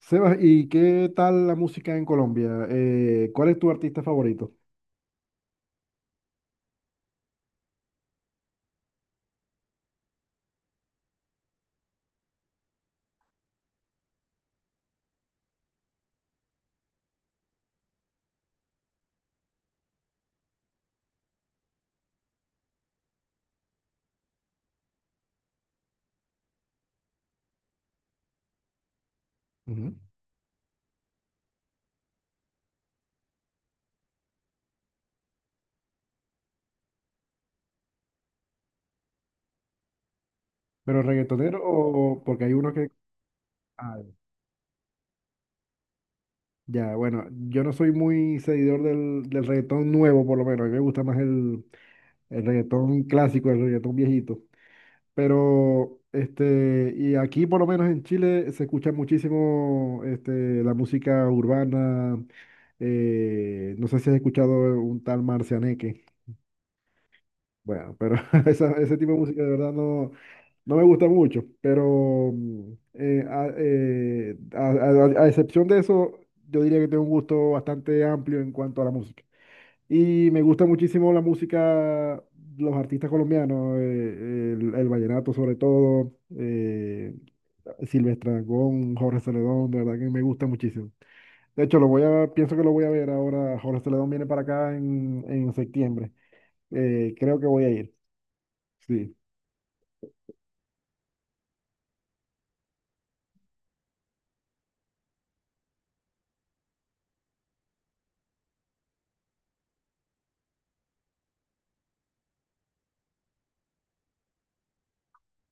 Sebas, ¿y qué tal la música en Colombia? ¿Cuál es tu artista favorito? Ujú. ¿Pero reggaetonero o porque hay uno que... Ah, ya, bueno, yo no soy muy seguidor del reggaetón nuevo, por lo menos. A mí me gusta más el reggaetón clásico, el reggaetón viejito. Pero, este, y aquí por lo menos en Chile se escucha muchísimo este, la música urbana. No sé si has escuchado un tal Marcianeque. Bueno, pero ese tipo de música de verdad no... No me gusta mucho, pero a excepción de eso, yo diría que tengo un gusto bastante amplio en cuanto a la música. Y me gusta muchísimo los artistas colombianos, el vallenato sobre todo, Silvestre Dangond, Jorge Celedón, de verdad que me gusta muchísimo. De hecho, pienso que lo voy a ver ahora. Jorge Celedón viene para acá en septiembre. Creo que voy a ir. Sí.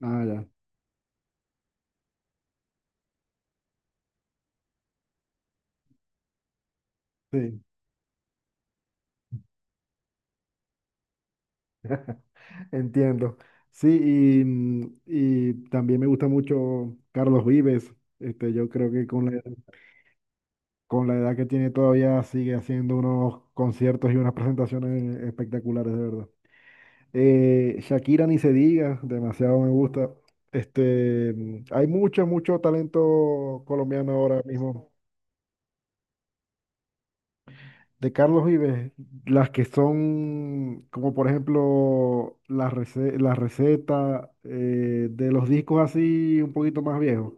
Ah, ya. Sí. Entiendo. Sí, y también me gusta mucho Carlos Vives. Este, yo creo que con la edad que tiene todavía sigue haciendo unos conciertos y unas presentaciones espectaculares, de verdad. Shakira ni se diga, demasiado me gusta. Hay mucho talento colombiano ahora mismo. De Carlos Vives, las que son, como por ejemplo, la receta, de los discos así un poquito más viejos.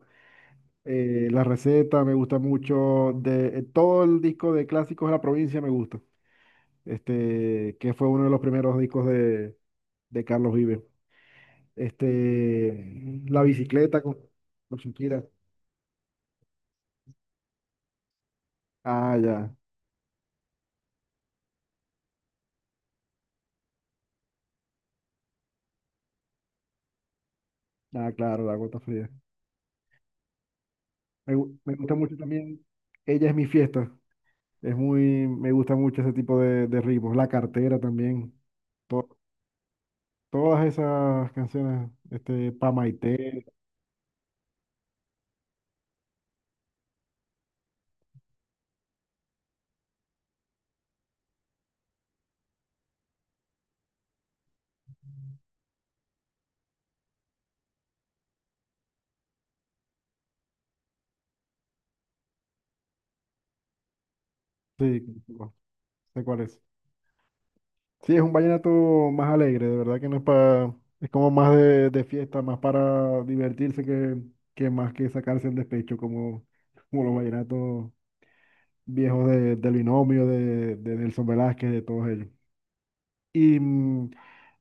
La receta me gusta mucho, de todo el disco de Clásicos de la Provincia me gusta, este, que fue uno de los primeros discos de Carlos Vives. Este, La Bicicleta con Shakira. Ah, ya, ah, claro, La Gota Fría. Me gusta mucho también, Ella Es Mi Fiesta. Es muy, me gusta mucho ese tipo de ritmos. La Cartera también. To- Todas esas canciones, este, Pa' Maite, sí, no sé cuál es. Sí, es un vallenato más alegre, de verdad que no es para, es como más de fiesta, más para divertirse que más que sacarse el despecho, como, como los vallenatos viejos del Binomio, de Nelson Velázquez, de todos ellos. Y mm,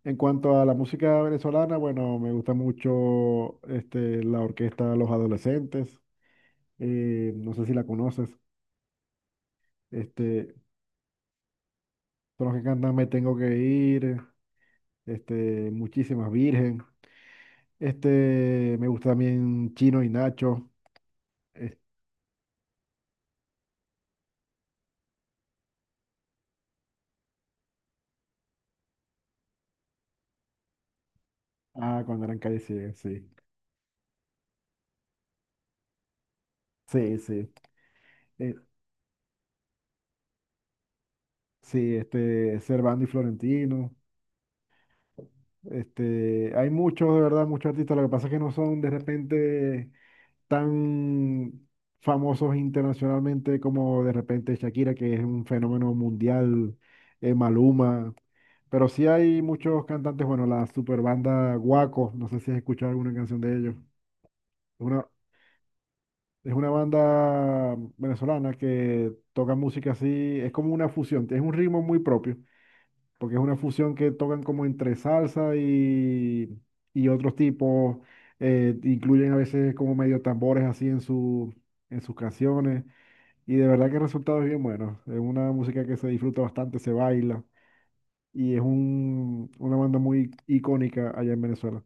en cuanto a la música venezolana, bueno, me gusta mucho este, la orquesta Los Adolescentes. No sé si la conoces. Este, son los que cantan Me Tengo Que Ir, este, Muchísimas Virgen. Este, me gusta también Chino y Nacho. es- ah, cuando eran Calle 100, sí. Sí, sí. eh, sí, este, Servando y Florentino. Este, hay muchos, de verdad, muchos artistas. Lo que pasa es que no son de repente tan famosos internacionalmente como de repente Shakira, que es un fenómeno mundial, Maluma, pero sí hay muchos cantantes, bueno, la super banda Guaco, no sé si has escuchado alguna canción de ellos. Es una, es una banda venezolana que toca música así, es como una fusión, es un ritmo muy propio, porque es una fusión que tocan como entre salsa y otros tipos, incluyen a veces como medio tambores así en en sus canciones. Y de verdad que el resultado es bien bueno. Es una música que se disfruta bastante, se baila. Y es una banda muy icónica allá en Venezuela.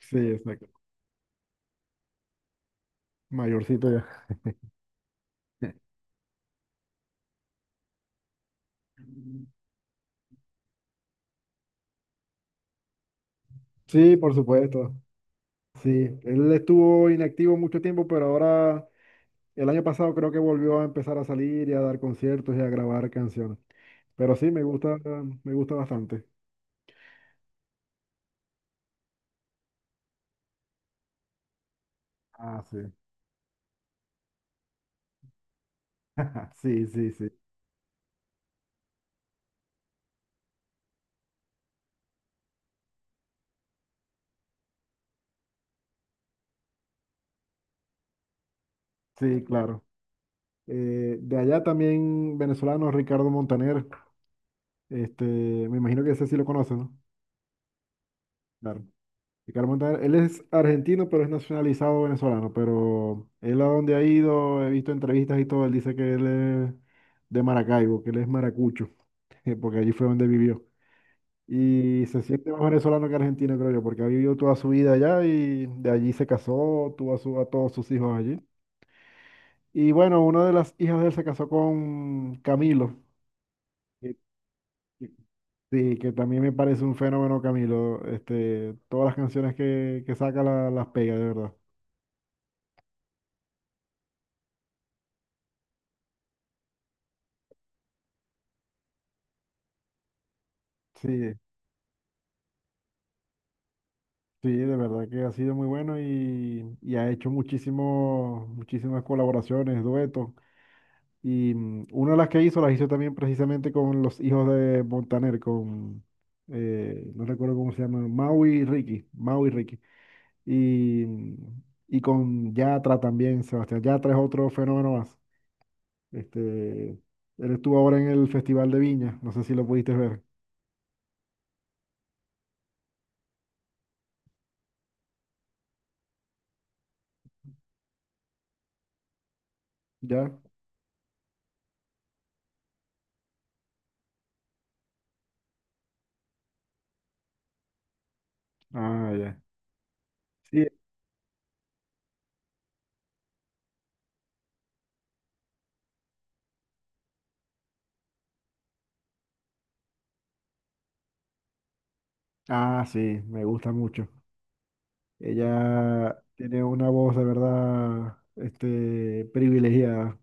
Sí, exacto. Mayorcito ya. Sí, por supuesto. Sí, él estuvo inactivo mucho tiempo, pero ahora, el año pasado creo que volvió a empezar a salir y a dar conciertos y a grabar canciones. Pero sí, me me gusta bastante. Ah, sí. Sí, sí, sí. Sí, claro. De allá también venezolano Ricardo Montaner. Este, me imagino que ese sí lo conoce, ¿no? Claro. Ricardo Montaner, él es argentino, pero es nacionalizado venezolano. Pero él a donde ha ido, he visto entrevistas y todo, él dice que él es de Maracaibo, que él es maracucho, porque allí fue donde vivió. Y se siente más venezolano que argentino, creo yo, porque ha vivido toda su vida allá y de allí se casó, tuvo a todos sus hijos allí. Y bueno, una de las hijas de él se casó con Camilo. que, Sí, que también me parece un fenómeno, Camilo. Este, todas las canciones que saca las pega, de verdad. Sí, sí, de verdad que ha sido muy bueno y ha hecho muchísimas colaboraciones, duetos. Una de las que hizo, las hizo también precisamente con los hijos de Montaner, no recuerdo cómo se llaman, Mau y Ricky. Y, mm, y con Yatra también, Sebastián. Yatra es otro fenómeno más. Este, él estuvo ahora en el Festival de Viña, no sé si lo pudiste ver. ¿Ya? Ah, ya. Sí. Ah, sí, me gusta mucho. Ella tiene una voz de verdad, este, privilegiada.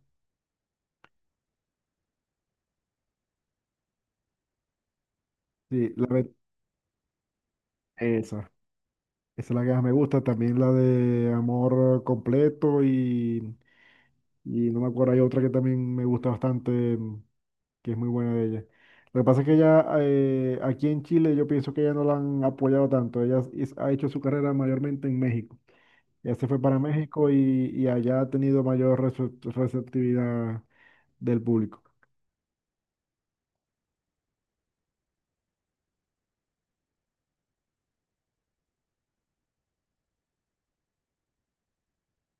Sí, esa. Esa es la que más me gusta. También la de Amor Completo y no me acuerdo, hay otra que también me gusta bastante, que es muy buena de ella. Lo que pasa es que ella, aquí en Chile yo pienso que ella no la han apoyado tanto. Ha hecho su carrera mayormente en México. Ya se fue para México y allá ha tenido mayor receptividad del público.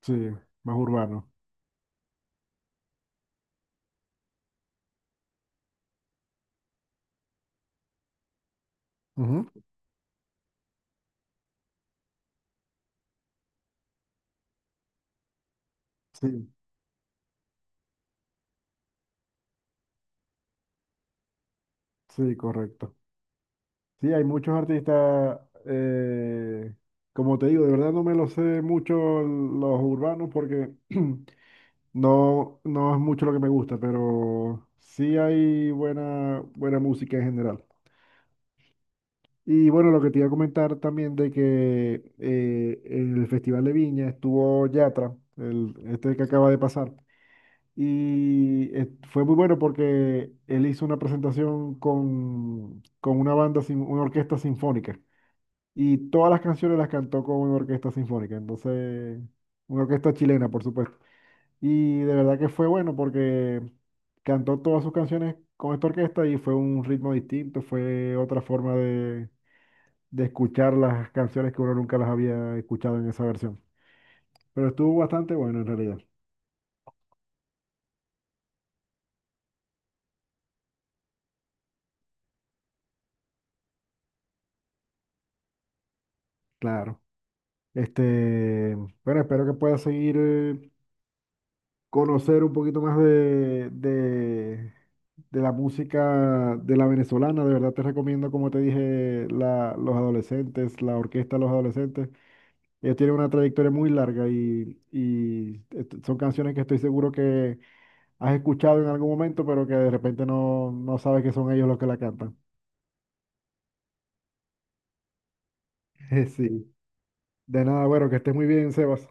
Sí, más urbano. Ujú. Sí, sí, correcto. Sí, hay muchos artistas, eh, como te digo, de verdad no me lo sé mucho los urbanos porque no, no es mucho lo que me gusta, pero sí hay buena música en general. Y bueno, lo que te iba a comentar también de que en el Festival de Viña estuvo Yatra, este que acaba de pasar. Y fue muy bueno porque él hizo una presentación con una banda, sin, una orquesta sinfónica. Y todas las canciones las cantó con una orquesta sinfónica. Entonces, una orquesta chilena, por supuesto. Y de verdad que fue bueno porque cantó todas sus canciones con esta orquesta y fue un ritmo distinto, fue otra forma de escuchar las canciones que uno nunca las había escuchado en esa versión. Pero estuvo bastante bueno en realidad, claro. Este, bueno, espero que puedas seguir, conocer un poquito más de la música de la venezolana. De verdad te recomiendo, como te dije, Los Adolescentes, la orquesta de Los Adolescentes. Ellos tienen una trayectoria muy larga y son canciones que estoy seguro que has escuchado en algún momento, pero que de repente no, no sabes que son ellos los que la cantan. Sí. De nada, bueno, que estés muy bien, Sebas.